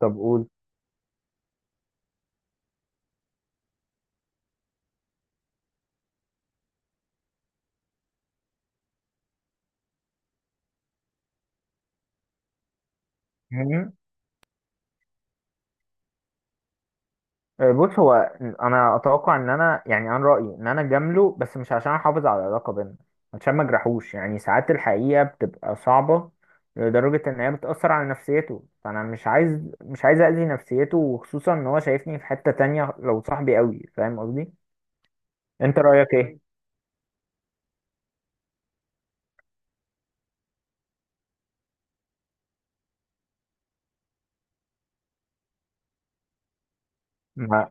طب قول. مهم. آه، بص هو، انا اتوقع ان انا يعني انا رايي ان انا اجامله، بس مش عشان احافظ على العلاقه بينا، عشان ما اجرحوش. يعني ساعات الحقيقه بتبقى صعبه لدرجه ان هي بتاثر على نفسيته، فانا مش عايز اذي نفسيته، وخصوصا ان هو شايفني في حته تانية لو صاحبي قوي. فاهم قصدي؟ انت رايك ايه؟ ما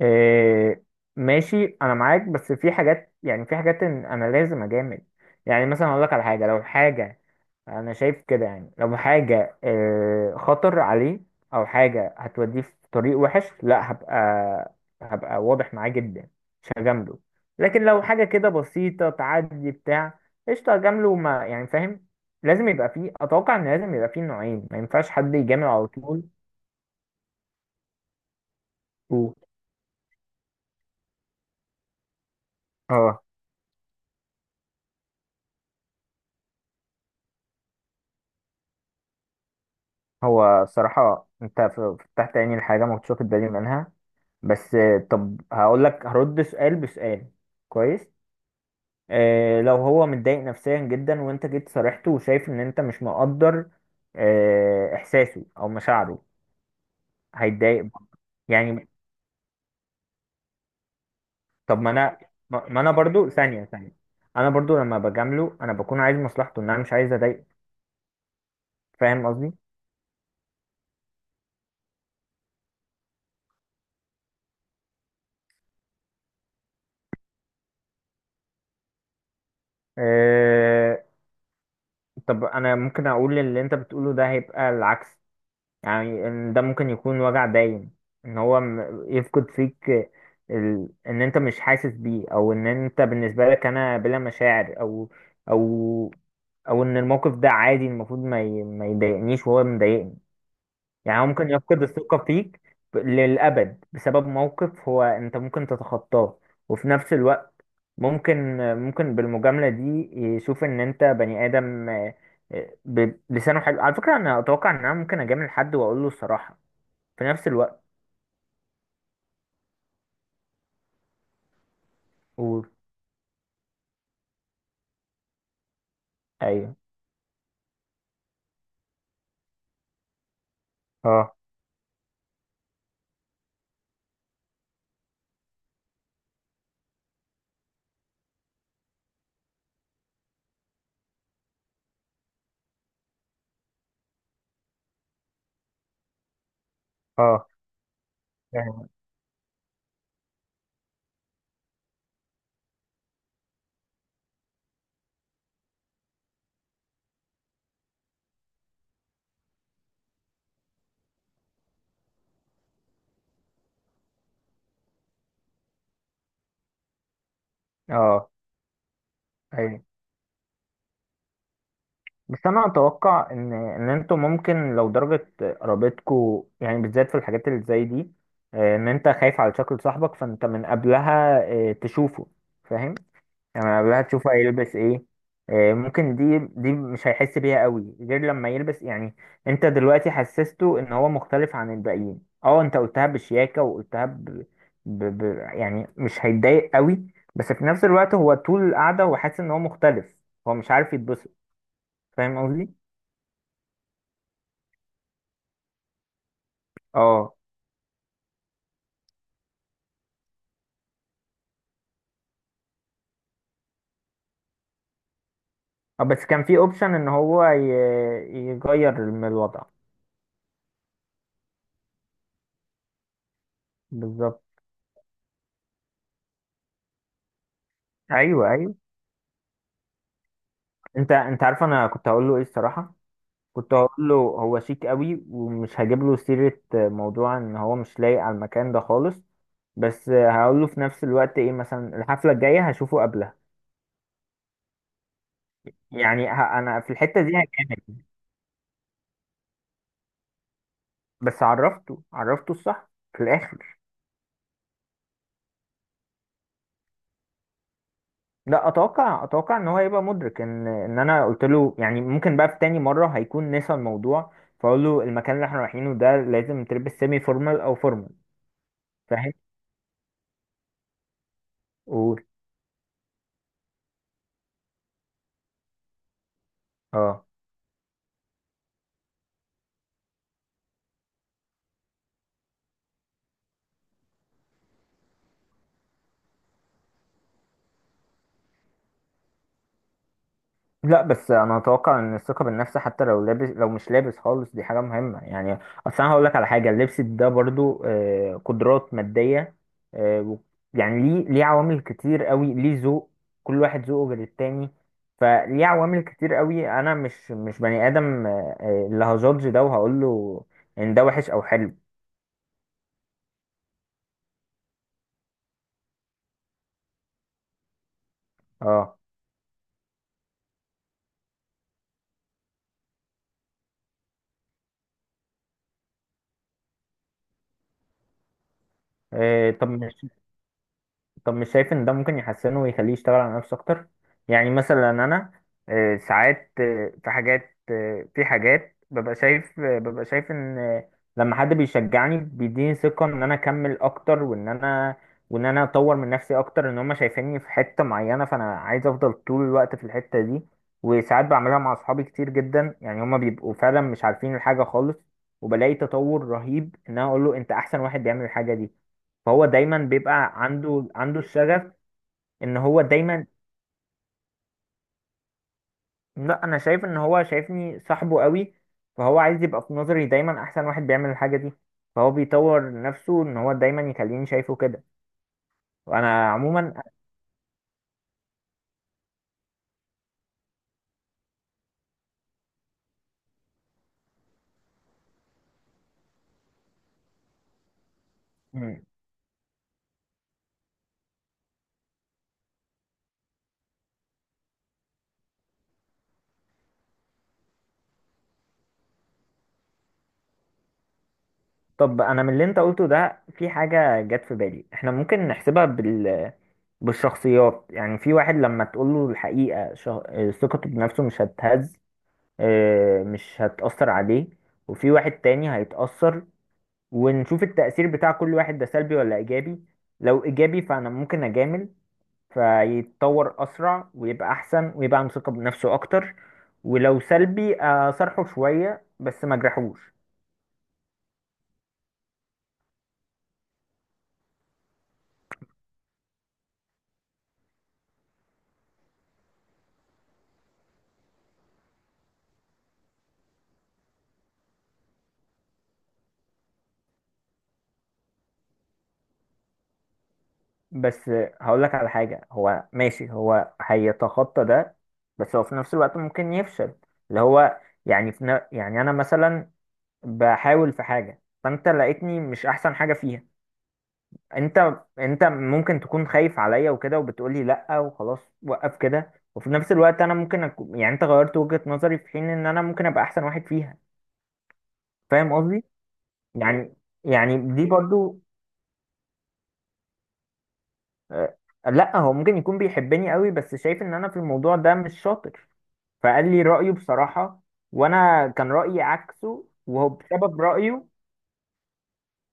إيه، ماشي، انا معاك، بس في حاجات، يعني في حاجات إن انا لازم اجامل. يعني مثلا اقول لك على حاجه، لو الحاجه انا شايف كده، يعني لو حاجه خطر عليه، او حاجه هتوديه في طريق وحش، لا، هبقى واضح معاه جدا، مش هجامله. لكن لو حاجه كده بسيطه تعدي بتاع، قشطه، هجامله، ما يعني فاهم. لازم يبقى فيه، اتوقع ان لازم يبقى فيه نوعين، ما ينفعش حد يجامل على طول و... اه. هو الصراحه انت فتحت عيني لحاجه ما كنتش واخد بالي منها. بس طب هقول لك، هرد سؤال بسؤال. كويس. آه، لو هو متضايق نفسيا جدا، وانت جيت صارحته وشايف ان انت مش مقدر احساسه او مشاعره، هيتضايق برضه. يعني، طب ما انا، ما انا برضو، ثانية ثانية، انا برضو لما بجامله انا بكون عايز مصلحته، ان انا مش عايز اضايقه. فاهم قصدي؟ أه، طب انا ممكن اقول اللي انت بتقوله ده هيبقى العكس. يعني إن ده ممكن يكون وجع باين، ان هو يفقد فيك ان انت مش حاسس بيه، او ان انت بالنسبة لك انا بلا مشاعر، او او او ان الموقف ده عادي، المفروض ما يضايقنيش وهو مضايقني. يعني هو ممكن يفقد الثقة فيك للأبد بسبب موقف هو أنت ممكن تتخطاه. وفي نفس الوقت ممكن، بالمجاملة دي يشوف إن أنت بني آدم، بلسانه حلو. على فكرة، أنا أتوقع إن أنا ممكن أجامل حد وأقول له الصراحة في نفس الوقت. قول. أيوه. أه، أه. فاهم. أه، أيوه، بس انا اتوقع ان انتوا ممكن لو درجه قرابتكوا، يعني بالذات في الحاجات اللي زي دي، ان انت خايف على شكل صاحبك، فانت من قبلها تشوفه. فاهم؟ يعني من قبلها تشوفه هيلبس ايه. ممكن دي مش هيحس بيها قوي غير لما يلبس. يعني انت دلوقتي حسسته ان هو مختلف عن الباقيين، اه، انت قلتها بشياكه، وقلتها ب... ب... يعني مش هيتضايق قوي، بس في نفس الوقت هو طول القعده هو حاسس ان هو مختلف، هو مش عارف يتبسط. فاهم قصدي؟ اه. آه، بس كان في اوبشن ان هو يغير من الوضع. بالظبط. ايوه، ايوه، انت عارف، انا كنت هقول له ايه الصراحه، كنت هقول له هو شيك قوي، ومش هجيب له سيره موضوع ان هو مش لايق على المكان ده خالص، بس هقول له في نفس الوقت ايه، مثلا الحفله الجايه هشوفه قبلها. يعني انا في الحته دي هكمل. بس عرفته، عرفته الصح في الاخر. لا، اتوقع، ان هو هيبقى مدرك ان انا قلت له، يعني ممكن بقى في تاني مره هيكون نسى الموضوع، فاقول له المكان اللي احنا رايحينه ده لازم تلبس سيمي فورمال او فورمال. فاهم؟ قول. اه. لا، بس انا اتوقع ان الثقه بالنفس، حتى لو لابس، لو مش لابس خالص، دي حاجه مهمه. يعني اصل انا هقول لك على حاجه، اللبس ده برضو قدرات ماديه، آه، و- يعني ليه، عوامل كتير قوي، ليه ذوق، كل واحد ذوقه غير التاني، فليه عوامل كتير قوي، انا مش بني ادم اللي هجادج ده، وهقول له ان ده وحش او حلو. اه. آه، طب مش طب مش شايف ان ده ممكن يحسنه ويخليه يشتغل على نفسه اكتر؟ يعني مثلا انا، ساعات، في حاجات ببقى شايف ان، لما حد بيشجعني بيديني ثقة ان انا اكمل اكتر، وان انا، اطور من نفسي اكتر، ان هم شايفيني في حتة معينة، فانا عايز افضل طول الوقت في الحتة دي. وساعات بعملها مع اصحابي كتير جدا، يعني هم بيبقوا فعلا مش عارفين الحاجة خالص، وبلاقي تطور رهيب ان انا اقول له انت احسن واحد بيعمل الحاجة دي. فهو دايما بيبقى عنده، الشغف ان هو دايما. لا، انا شايف ان هو شايفني صاحبه قوي، فهو عايز يبقى في نظري دايما احسن واحد بيعمل الحاجة دي، فهو بيطور نفسه ان هو دايما يخليني شايفه كده. وانا عموما. مم. طب انا، من اللي انت قلته ده، في حاجة جت في بالي، احنا ممكن نحسبها بالشخصيات. يعني في واحد لما تقول له الحقيقة شه... آه، ثقته بنفسه مش هتهز، مش هتأثر عليه. وفي واحد تاني هيتأثر. ونشوف التأثير بتاع كل واحد ده سلبي ولا إيجابي. لو إيجابي، فأنا ممكن أجامل فيتطور أسرع، ويبقى أحسن ويبقى عنده ثقة بنفسه أكتر. ولو سلبي، أصارحه شوية بس ما أجرحوش. بس هقولك على حاجة، هو ماشي هو هيتخطى ده، بس هو في نفس الوقت ممكن يفشل. اللي هو يعني في يعني أنا مثلا بحاول في حاجة فأنت لقيتني مش أحسن حاجة فيها. انت ممكن تكون خايف عليا وكده، وبتقولي لا، وخلاص وقف كده. وفي نفس الوقت انا ممكن أكون، يعني انت غيرت وجهة نظري، في حين ان انا ممكن ابقى احسن واحد فيها. فاهم قصدي؟ يعني، دي برضو. آه، لا، هو ممكن يكون بيحبني قوي، بس شايف ان انا في الموضوع ده مش شاطر، فقال لي رأيه بصراحة، وانا كان رأيي عكسه، وهو بسبب رأيه.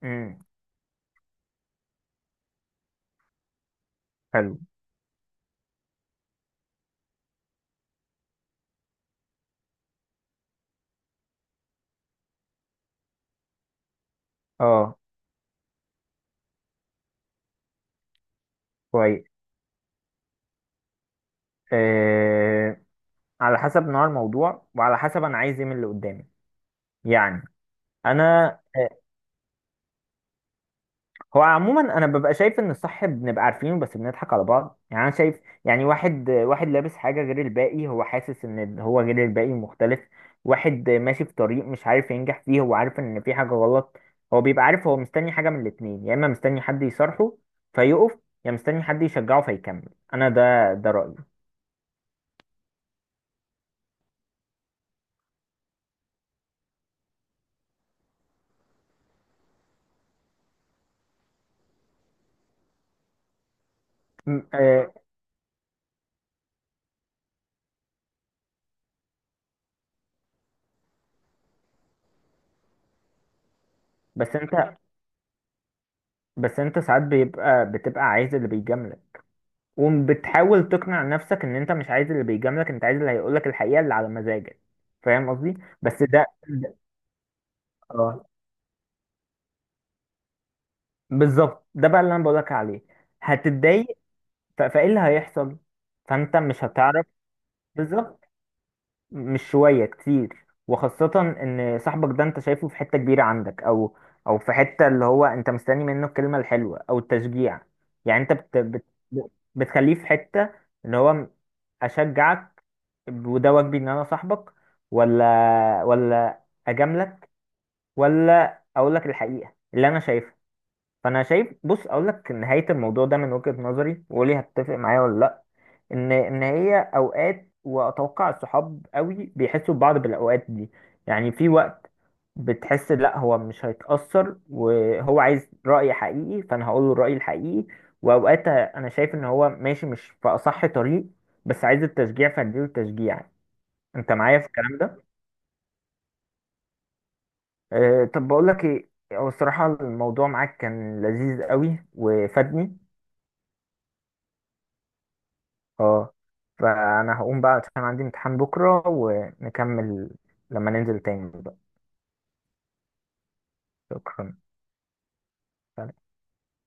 امم. حلو. اه. كويس. آه، على حسب نوع الموضوع، وعلى حسب انا عايز ايه من اللي قدامي. يعني انا، آه، هو عموما انا ببقى شايف ان الصح بنبقى عارفينه، بس بنضحك على بعض. يعني انا شايف، يعني واحد لابس حاجه غير الباقي، هو حاسس ان هو غير الباقي مختلف. واحد ماشي في طريق مش عارف ينجح فيه، هو عارف ان في حاجه غلط، هو بيبقى عارف، هو مستني حاجه من الاتنين، يا اما مستني حد يصارحه فيقف، يا مستني حد يشجعه فيكمل. انا ده رأيي. م- آه، بس انت، ساعات بتبقى عايز اللي بيجاملك، وبتحاول تقنع نفسك ان انت مش عايز اللي بيجاملك، انت عايز اللي هيقولك الحقيقة اللي على مزاجك. فاهم قصدي؟ بس ده ده- اه، بالظبط، ده بقى اللي انا بقولك عليه. هتتضايق. فايه اللي هيحصل؟ فانت مش هتعرف. بالظبط. مش شوية، كتير، وخاصة ان صاحبك ده انت شايفه في حتة كبيرة عندك، او في حتة اللي هو انت مستني منه الكلمة الحلوة او التشجيع. يعني انت بت بت بتخليه في حتة ان هو اشجعك، وده واجبي ان انا صاحبك، ولا، ولا اجاملك، ولا اقول لك الحقيقة اللي انا شايفها. فانا شايف، بص اقول لك نهاية الموضوع ده من وجهة نظري، وقولي هتتفق معايا ولا لا. ان هي اوقات، واتوقع الصحاب قوي بيحسوا ببعض بالاوقات دي، يعني في وقت بتحس لا، هو مش هيتأثر وهو عايز رأي حقيقي، فانا هقول له الرأي الحقيقي. واوقات انا شايف ان هو ماشي مش في اصح طريق، بس عايز التشجيع، فاديله التشجيع. انت معايا في الكلام ده؟ أه، طب بقول لك ايه، هو الصراحة الموضوع معاك كان لذيذ قوي وفادني. اه، فانا هقوم بقى عشان عندي امتحان بكرة ونكمل لما ننزل تاني. شكرا.